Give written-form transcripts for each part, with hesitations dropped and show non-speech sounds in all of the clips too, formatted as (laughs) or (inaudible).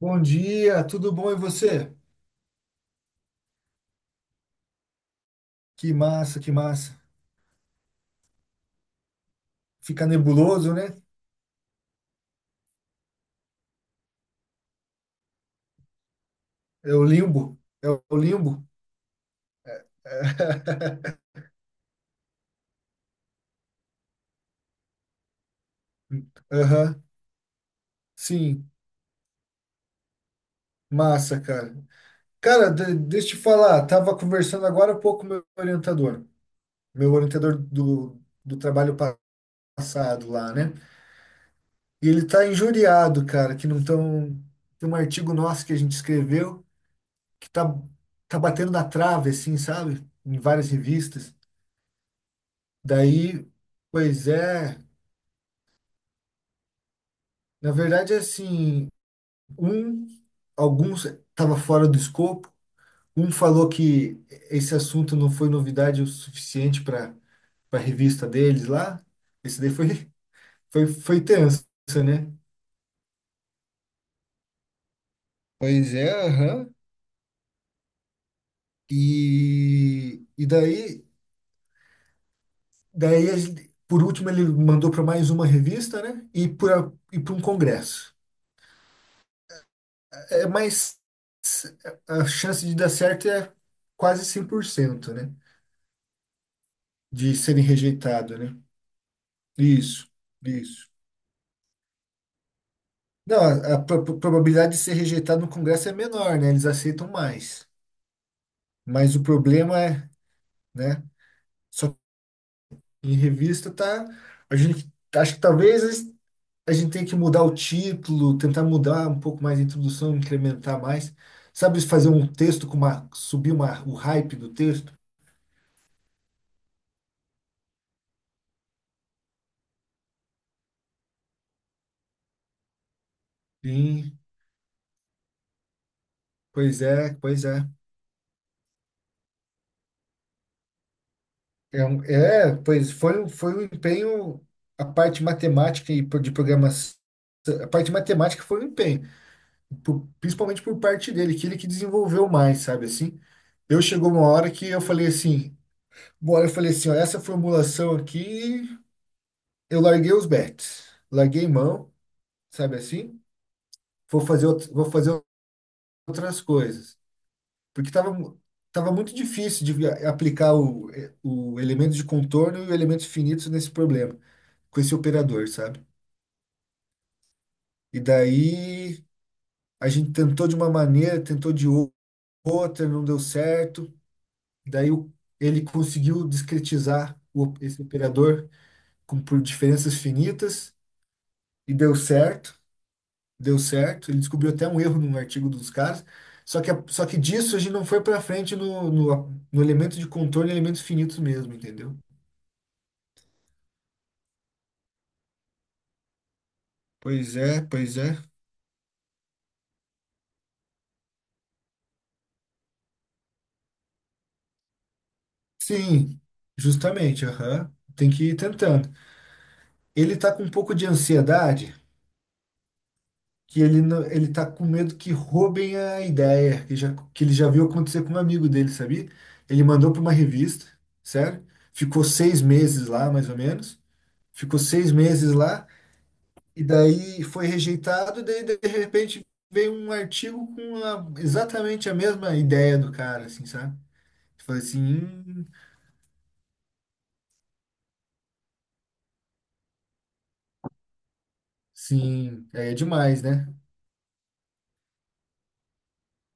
Bom dia, tudo bom e você? Que massa, que massa. Fica nebuloso, né? É o limbo, é o limbo. (laughs) Aham, sim, massa, cara. Cara, deixa eu te falar, tava conversando agora há pouco com meu orientador do, trabalho passado lá, né? E ele tá injuriado, cara, que não tão... Tem um artigo nosso que a gente escreveu que tá batendo na trave, assim, sabe? Em várias revistas. Daí, pois é, na verdade, assim, um, alguns estava fora do escopo, um falou que esse assunto não foi novidade o suficiente para a revista deles lá. Esse daí foi, tenso, né? Pois é, aham. E daí, a por último, ele mandou para mais uma revista, né? E para um congresso. É, mas é, a chance de dar certo é quase 100%, né? De serem rejeitado, né? Isso, isso. Não, a probabilidade de ser rejeitado no congresso é menor, né? Eles aceitam mais. Mas o problema é, né? Só que em revista tá. A gente acho que talvez a gente tenha que mudar o título, tentar mudar um pouco mais a introdução, incrementar mais. Sabe, fazer um texto com uma, subir uma, o hype do texto? Sim, pois é, pois é. É, é, pois foi, foi um empenho, a parte matemática e de programação, a parte matemática foi um empenho, principalmente por parte dele, que ele que desenvolveu mais, sabe assim? Eu chegou uma hora que eu falei assim, bora, eu falei assim, ó, essa formulação aqui, eu larguei os bets, larguei mão, sabe assim? Vou fazer, outras coisas, porque tava, muito difícil de aplicar o, elemento de contorno e o elemento finito nesse problema, com esse operador, sabe? E daí a gente tentou de uma maneira, tentou de outra, não deu certo. Daí ele conseguiu discretizar esse operador com, por diferenças finitas e deu certo, deu certo. Ele descobriu até um erro num artigo dos caras. Só que, só que disso a gente não foi para frente no elemento de contorno e elementos finitos mesmo, entendeu? Pois é, pois é. Sim, justamente, aham. Tem que ir tentando. Ele tá com um pouco de ansiedade, que ele ele tá com medo que roubem a ideia, que ele já viu acontecer com um amigo dele, sabia? Ele mandou para uma revista, sério? Ficou 6 meses lá, mais ou menos. Ficou seis meses lá, e daí foi rejeitado, daí de repente veio um artigo com exatamente a mesma ideia do cara, assim, sabe? Eu falei assim, sim, aí é demais, né?"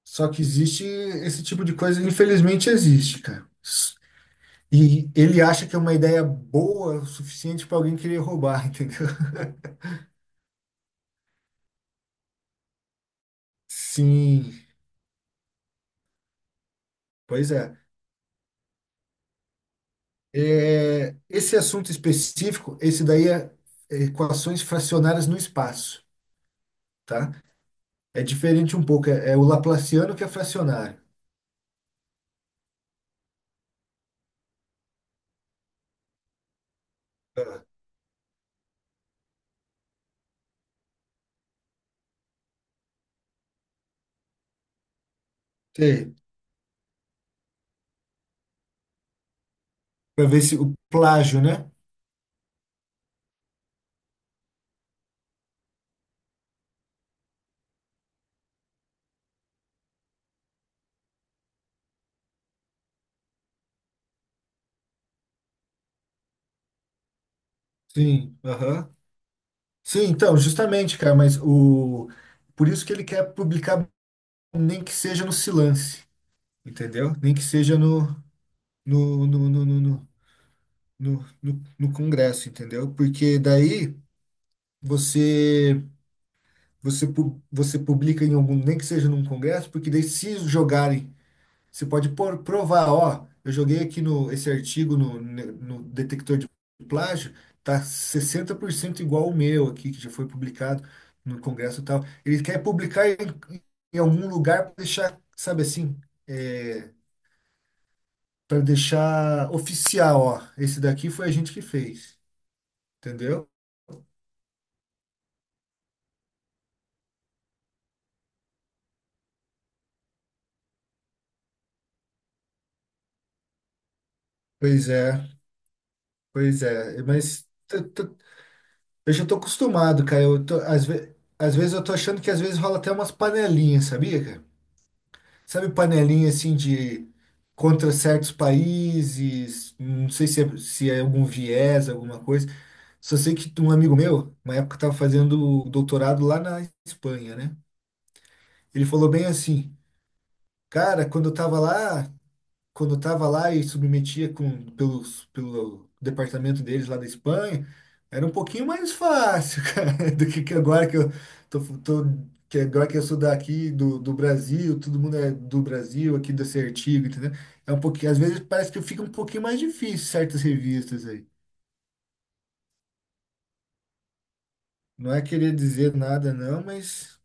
Só que existe esse tipo de coisa, infelizmente existe, cara. E ele acha que é uma ideia boa o suficiente para alguém querer roubar, (laughs) entendeu? Sim, pois é. É, esse assunto específico, esse daí é equações fracionárias no espaço, tá? É diferente um pouco, é o laplaciano que é fracionário. Ah, sei, para ver se o plágio, né? Sim, aham. Sim, então, justamente, cara, mas o por isso que ele quer publicar nem que seja no Silance, entendeu? Nem que seja no no, no, no, no- no congresso, entendeu? Porque daí você você publica em algum, nem que seja num congresso, porque daí se jogarem, você pode provar, ó, eu joguei aqui no esse artigo no, detector de plágio, tá 60% igual o meu aqui que já foi publicado no congresso e tal. Ele quer publicar em, algum lugar para deixar, sabe assim, é, para deixar oficial, ó, esse daqui foi a gente que fez, entendeu? Pois é. Pois é, mas eu já tô acostumado, cara. Eu tô, às vezes eu tô achando que às vezes rola até umas panelinhas, sabia, cara? Sabe panelinha assim de contra certos países, não sei se é, algum viés, alguma coisa. Só sei que um amigo meu, uma época estava fazendo doutorado lá na Espanha, né? Ele falou bem assim, cara, quando eu estava lá e submetia pelo departamento deles lá da Espanha, era um pouquinho mais fácil, (laughs) cara, do que agora que eu tô, tô- que agora que eu sou daqui do Brasil, todo mundo é do Brasil, aqui desse artigo, entendeu? É um pouquinho, às vezes parece que fica um pouquinho mais difícil certas revistas aí. Não é querer dizer nada, não, mas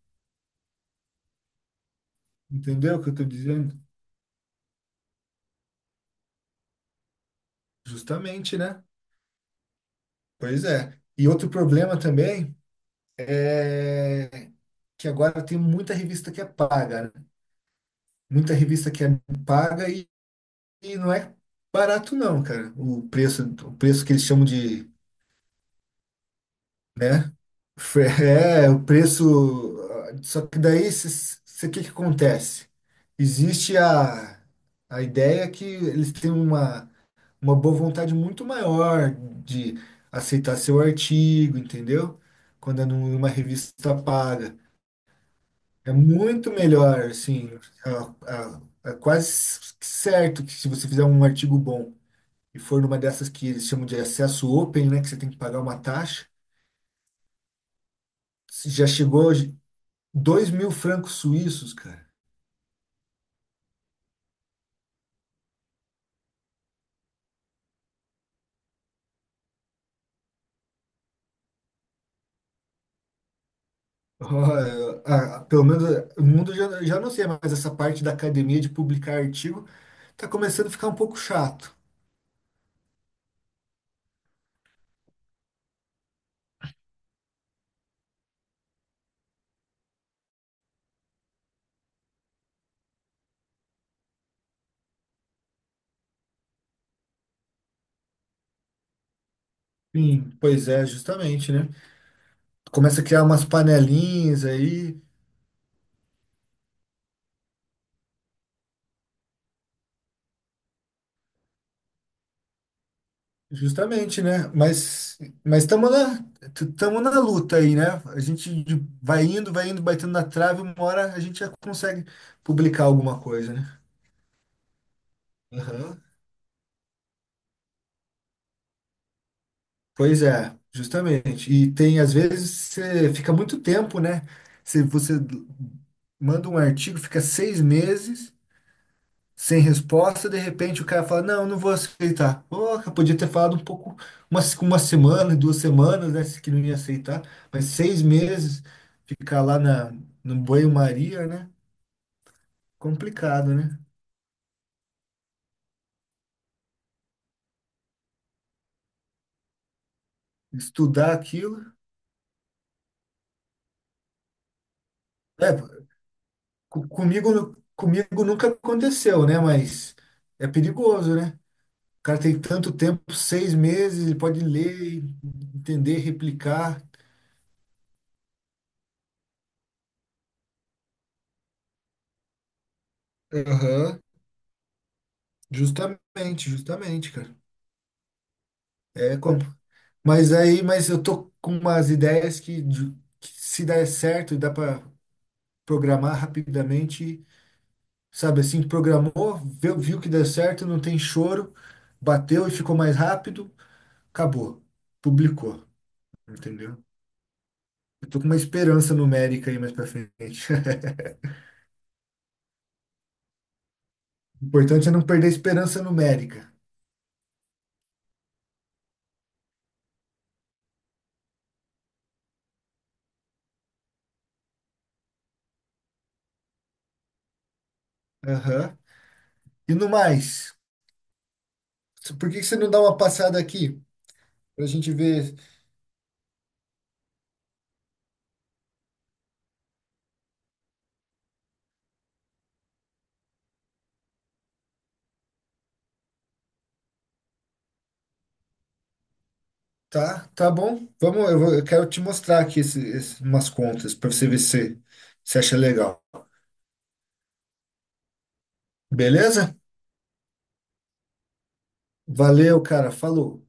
entendeu o que eu estou dizendo? Justamente, né? Pois é. E outro problema também é que agora tem muita revista que é paga, né? Muita revista que é paga e não é barato não, cara. O preço que eles chamam de, né? É, o preço. Só que daí, o que que acontece? Existe a, ideia que eles têm uma boa vontade muito maior de aceitar seu artigo, entendeu? Quando é numa revista paga. É muito melhor, assim, é quase certo que se você fizer um artigo bom e for numa dessas que eles chamam de acesso open, né, que você tem que pagar uma taxa, já chegou 2000 francos suíços, cara. (laughs) Ó, pelo menos o mundo já não sei, mas essa parte da academia de publicar artigo tá começando a ficar um pouco chato. Sim, pois é, justamente, né? Começa a criar umas panelinhas aí. Justamente, né? Mas mas estamos na estamos na luta aí, né? A gente vai indo, batendo na trave, uma hora a gente já consegue publicar alguma coisa, né? Aham. Pois é, justamente. E tem às vezes você fica muito tempo, né? Se você manda um artigo, fica 6 meses sem resposta, de repente o cara fala, não, não vou aceitar. Pô, eu podia ter falado um pouco, uma semana, 2 semanas, né, que não ia aceitar, mas 6 meses, ficar lá no banho-maria, né? Complicado, né? Estudar aquilo. É, comigo, nunca aconteceu, né? Mas é perigoso, né? O cara tem tanto tempo, 6 meses, ele pode ler, entender, replicar. Aham, justamente, justamente, cara. É como Mas aí, eu tô com umas ideias que, que se der certo, dá para programar rapidamente, sabe assim, programou, viu, que deu certo, não tem choro, bateu e ficou mais rápido, acabou, publicou, entendeu? Eu tô com uma esperança numérica aí mais para frente. (laughs) O importante é não perder a esperança numérica. Aham. E no mais, por que que você não dá uma passada aqui pra gente ver? Tá, tá bom. Vamos, eu quero te mostrar aqui umas contas para você ver se você acha legal. Beleza? Valeu, cara. Falou.